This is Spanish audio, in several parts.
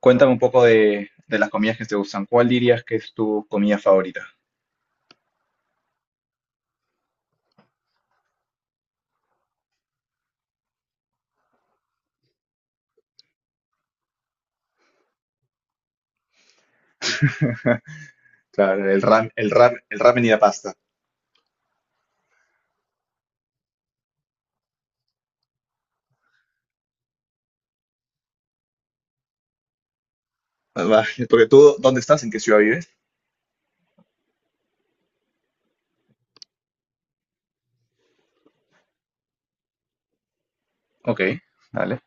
Cuéntame un poco de las comidas que te gustan. ¿Cuál dirías que es tu comida favorita? Claro, el ramen y la pasta. Ah, va, porque tú, ¿dónde estás? ¿En qué ciudad vives? Ok, dale.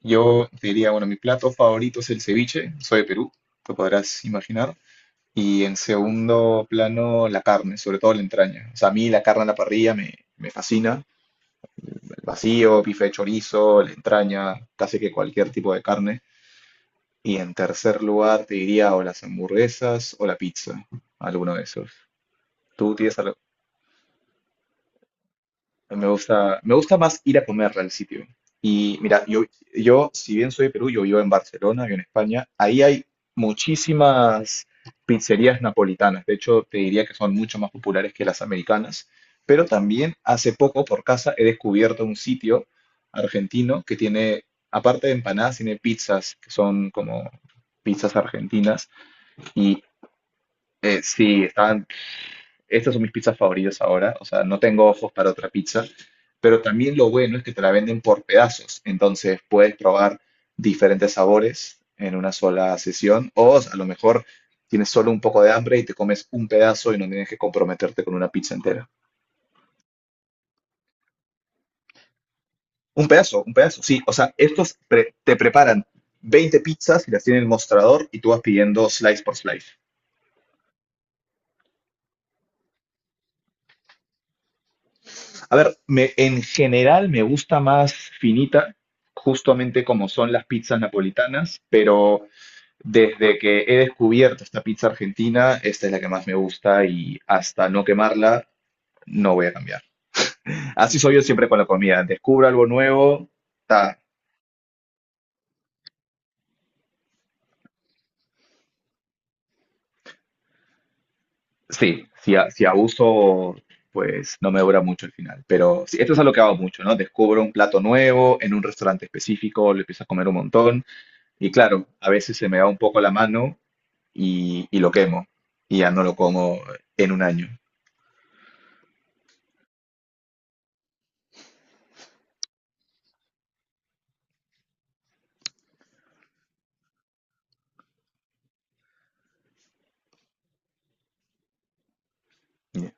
Yo te diría, bueno, mi plato favorito es el ceviche, soy de Perú, te podrás imaginar. Y en segundo plano, la carne, sobre todo la entraña. O sea, a mí la carne en la parrilla me fascina. El vacío, bife de chorizo, la entraña, casi que cualquier tipo de carne. Y en tercer lugar te diría o las hamburguesas o la pizza, alguno de esos. Tú tienes algo. Me gusta más ir a comer al sitio. Y mira, yo, si bien soy de Perú, yo vivo en Barcelona, vivo en España, ahí hay muchísimas pizzerías napolitanas. De hecho, te diría que son mucho más populares que las americanas. Pero también hace poco por casa he descubierto un sitio argentino que tiene, aparte de empanadas, tiene pizzas, que son como pizzas argentinas. Y sí, estas son mis pizzas favoritas ahora, o sea, no tengo ojos para otra pizza, pero también lo bueno es que te la venden por pedazos, entonces puedes probar diferentes sabores en una sola sesión o a lo mejor tienes solo un poco de hambre y te comes un pedazo y no tienes que comprometerte con una pizza entera. Un pedazo, sí, o sea, te preparan 20 pizzas y las tienen en el mostrador y tú vas pidiendo slice por slice. A ver, en general me gusta más finita, justamente como son las pizzas napolitanas, pero desde que he descubierto esta pizza argentina, esta es la que más me gusta y hasta no quemarla, no voy a cambiar. Así soy yo siempre con la comida. Descubro algo nuevo, ta, sí, si, si abuso, pues no me dura mucho el final. Pero sí, esto es algo que hago mucho, ¿no? Descubro un plato nuevo en un restaurante específico, lo empiezo a comer un montón. Y claro, a veces se me va un poco la mano y lo quemo. Y ya no lo como en un año. Ya.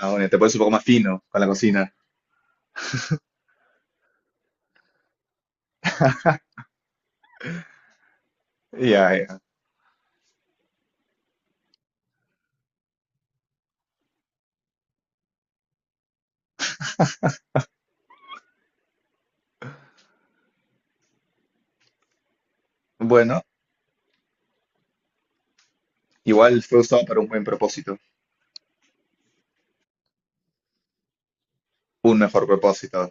Ah, bueno te pones un poco más fino con la cocina. Ya, ya. Bueno, igual fue usado para un buen propósito, un mejor propósito.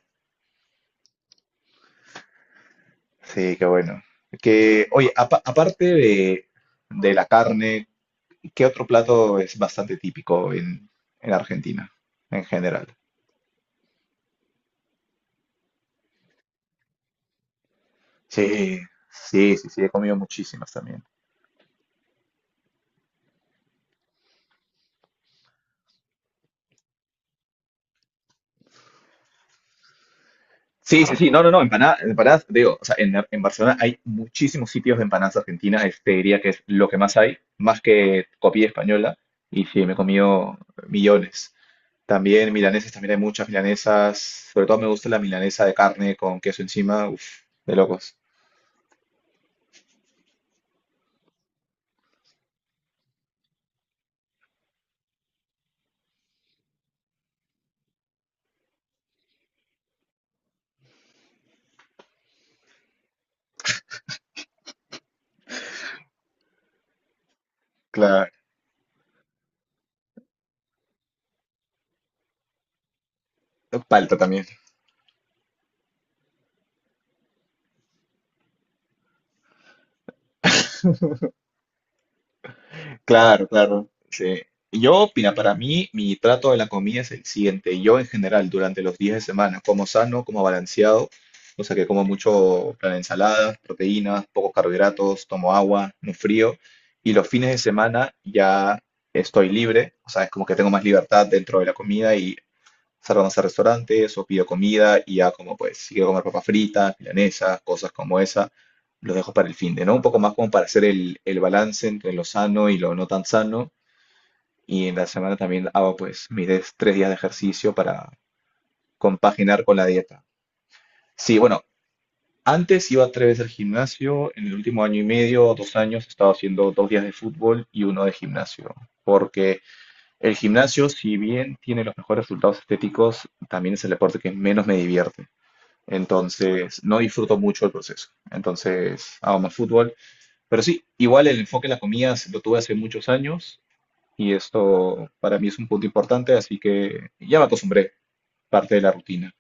Sí, qué bueno. Que, oye, aparte de la carne, ¿qué otro plato es bastante típico en Argentina en general? Sí, sí, sí, sí, he comido muchísimas también. Sí, sí, sí, no, no, no, empanadas, empanadas, digo, o sea, en Barcelona hay muchísimos sitios de empanadas argentinas, este diría que es lo que más hay, más que copia española, y sí, me he comido millones. También milanesas, también hay muchas milanesas, sobre todo me gusta la milanesa de carne con queso encima, uff, de locos. Claro. Palta también. Claro, claro. Sí. Yo, opina para mí, mi trato de la comida es el siguiente. Yo, en general, durante los días de semana, como sano, como balanceado, o sea que como mucho, plan, ensaladas, proteínas, pocos carbohidratos, tomo agua, no frío. Y los fines de semana ya estoy libre, o sea, es como que tengo más libertad dentro de la comida y Salvamos a restaurantes o pido comida y ya como pues si quiero comer papas fritas, milanesas, cosas como esa, los dejo para el fin de, ¿no? Un poco más como para hacer el balance entre lo sano y lo no tan sano. Y en la semana también hago pues mis 3 días de ejercicio para compaginar con la dieta. Sí, bueno, antes iba tres veces al gimnasio, en el último año y medio o 2 años he estado haciendo 2 días de fútbol y uno de gimnasio. Porque el gimnasio, si bien tiene los mejores resultados estéticos, también es el deporte que menos me divierte. Entonces, no disfruto mucho el proceso. Entonces, hago más fútbol. Pero sí, igual el enfoque en las comidas lo tuve hace muchos años y esto para mí es un punto importante, así que ya me acostumbré, parte de la rutina.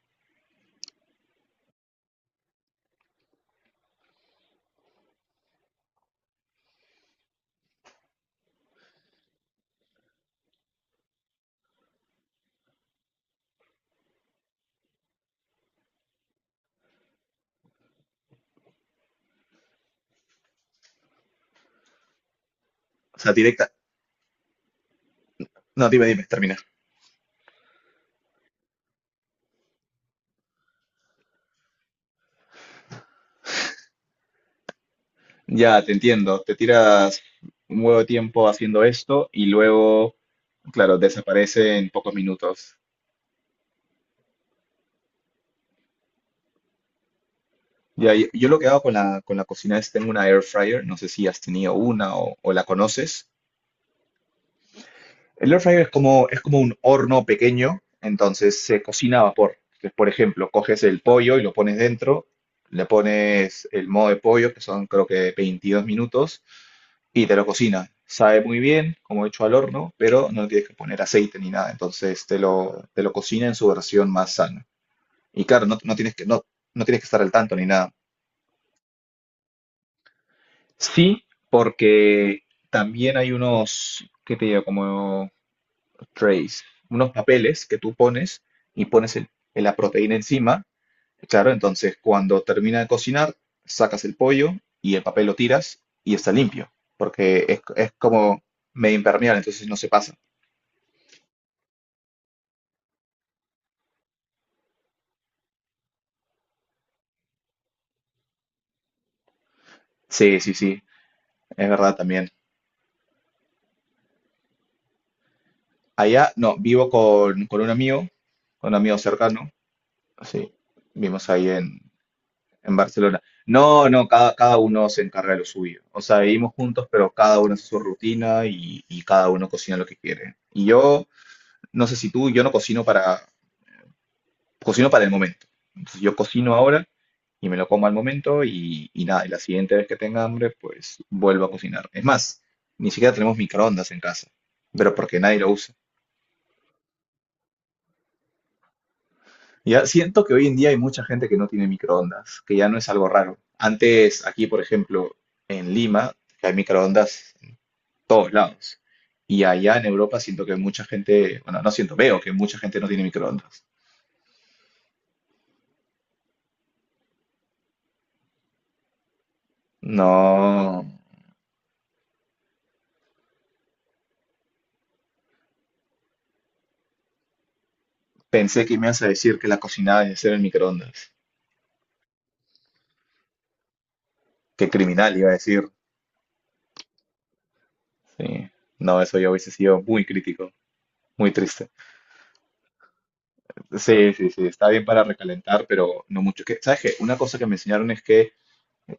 O sea, directa. No, dime, dime, termina. Ya, te entiendo. Te tiras un huevo de tiempo haciendo esto y luego, claro, desaparece en pocos minutos. Ya, yo lo que hago con la cocina es tengo una air fryer, no sé si has tenido una o la conoces. El air fryer es como un horno pequeño, entonces se cocina a vapor. Entonces, por ejemplo, coges el pollo y lo pones dentro, le pones el modo de pollo, que son creo que 22 minutos, y te lo cocina. Sabe muy bien, como hecho al horno, pero no tienes que poner aceite ni nada. Entonces te lo cocina en su versión más sana. Y claro, no, no tienes que, no, no tienes que estar al tanto ni nada. Sí, porque también hay unos, ¿qué te digo? Como trays, unos papeles que tú pones y pones la proteína encima. Claro, entonces cuando termina de cocinar, sacas el pollo y el papel lo tiras y está limpio, porque es como medio impermeable, entonces no se pasa. Sí, sí, sí, es verdad también. Allá, no, vivo con un amigo, con un amigo cercano, sí, vivimos ahí en Barcelona. No, no, cada uno se encarga de lo suyo. O sea, vivimos juntos, pero cada uno hace su rutina y cada uno cocina lo que quiere. Y yo, no sé si tú, yo no cocino para, cocino para el momento. Entonces, yo cocino ahora y me lo como al momento y nada, y la siguiente vez que tenga hambre, pues vuelvo a cocinar. Es más, ni siquiera tenemos microondas en casa, pero porque nadie lo usa. Ya siento que hoy en día hay mucha gente que no tiene microondas, que ya no es algo raro. Antes, aquí, por ejemplo, en Lima, que hay microondas todos lados. Y allá en Europa siento que mucha gente, bueno, no siento, veo que mucha gente no tiene microondas. No pensé que me ibas a decir que la cocinada debe ser en microondas. Qué criminal iba a decir. Sí. No, eso yo hubiese sido muy crítico, muy triste. Sí, sí, sí, está bien para recalentar, pero no mucho. Que, ¿sabes qué? Una cosa que me enseñaron es que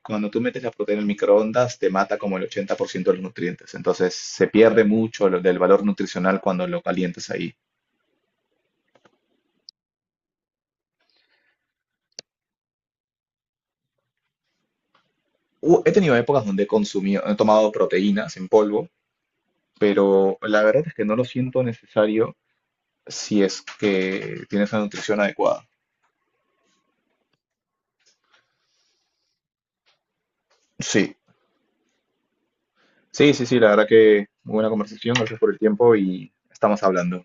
cuando tú metes la proteína en el microondas te mata como el 80% de los nutrientes. Entonces se pierde mucho del valor nutricional cuando lo calientas ahí. He tenido épocas donde he consumido, he tomado proteínas en polvo, pero la verdad es que no lo siento necesario si es que tienes una nutrición adecuada. Sí, sí, sí, sí, la verdad que muy buena conversación, gracias por el tiempo y estamos hablando.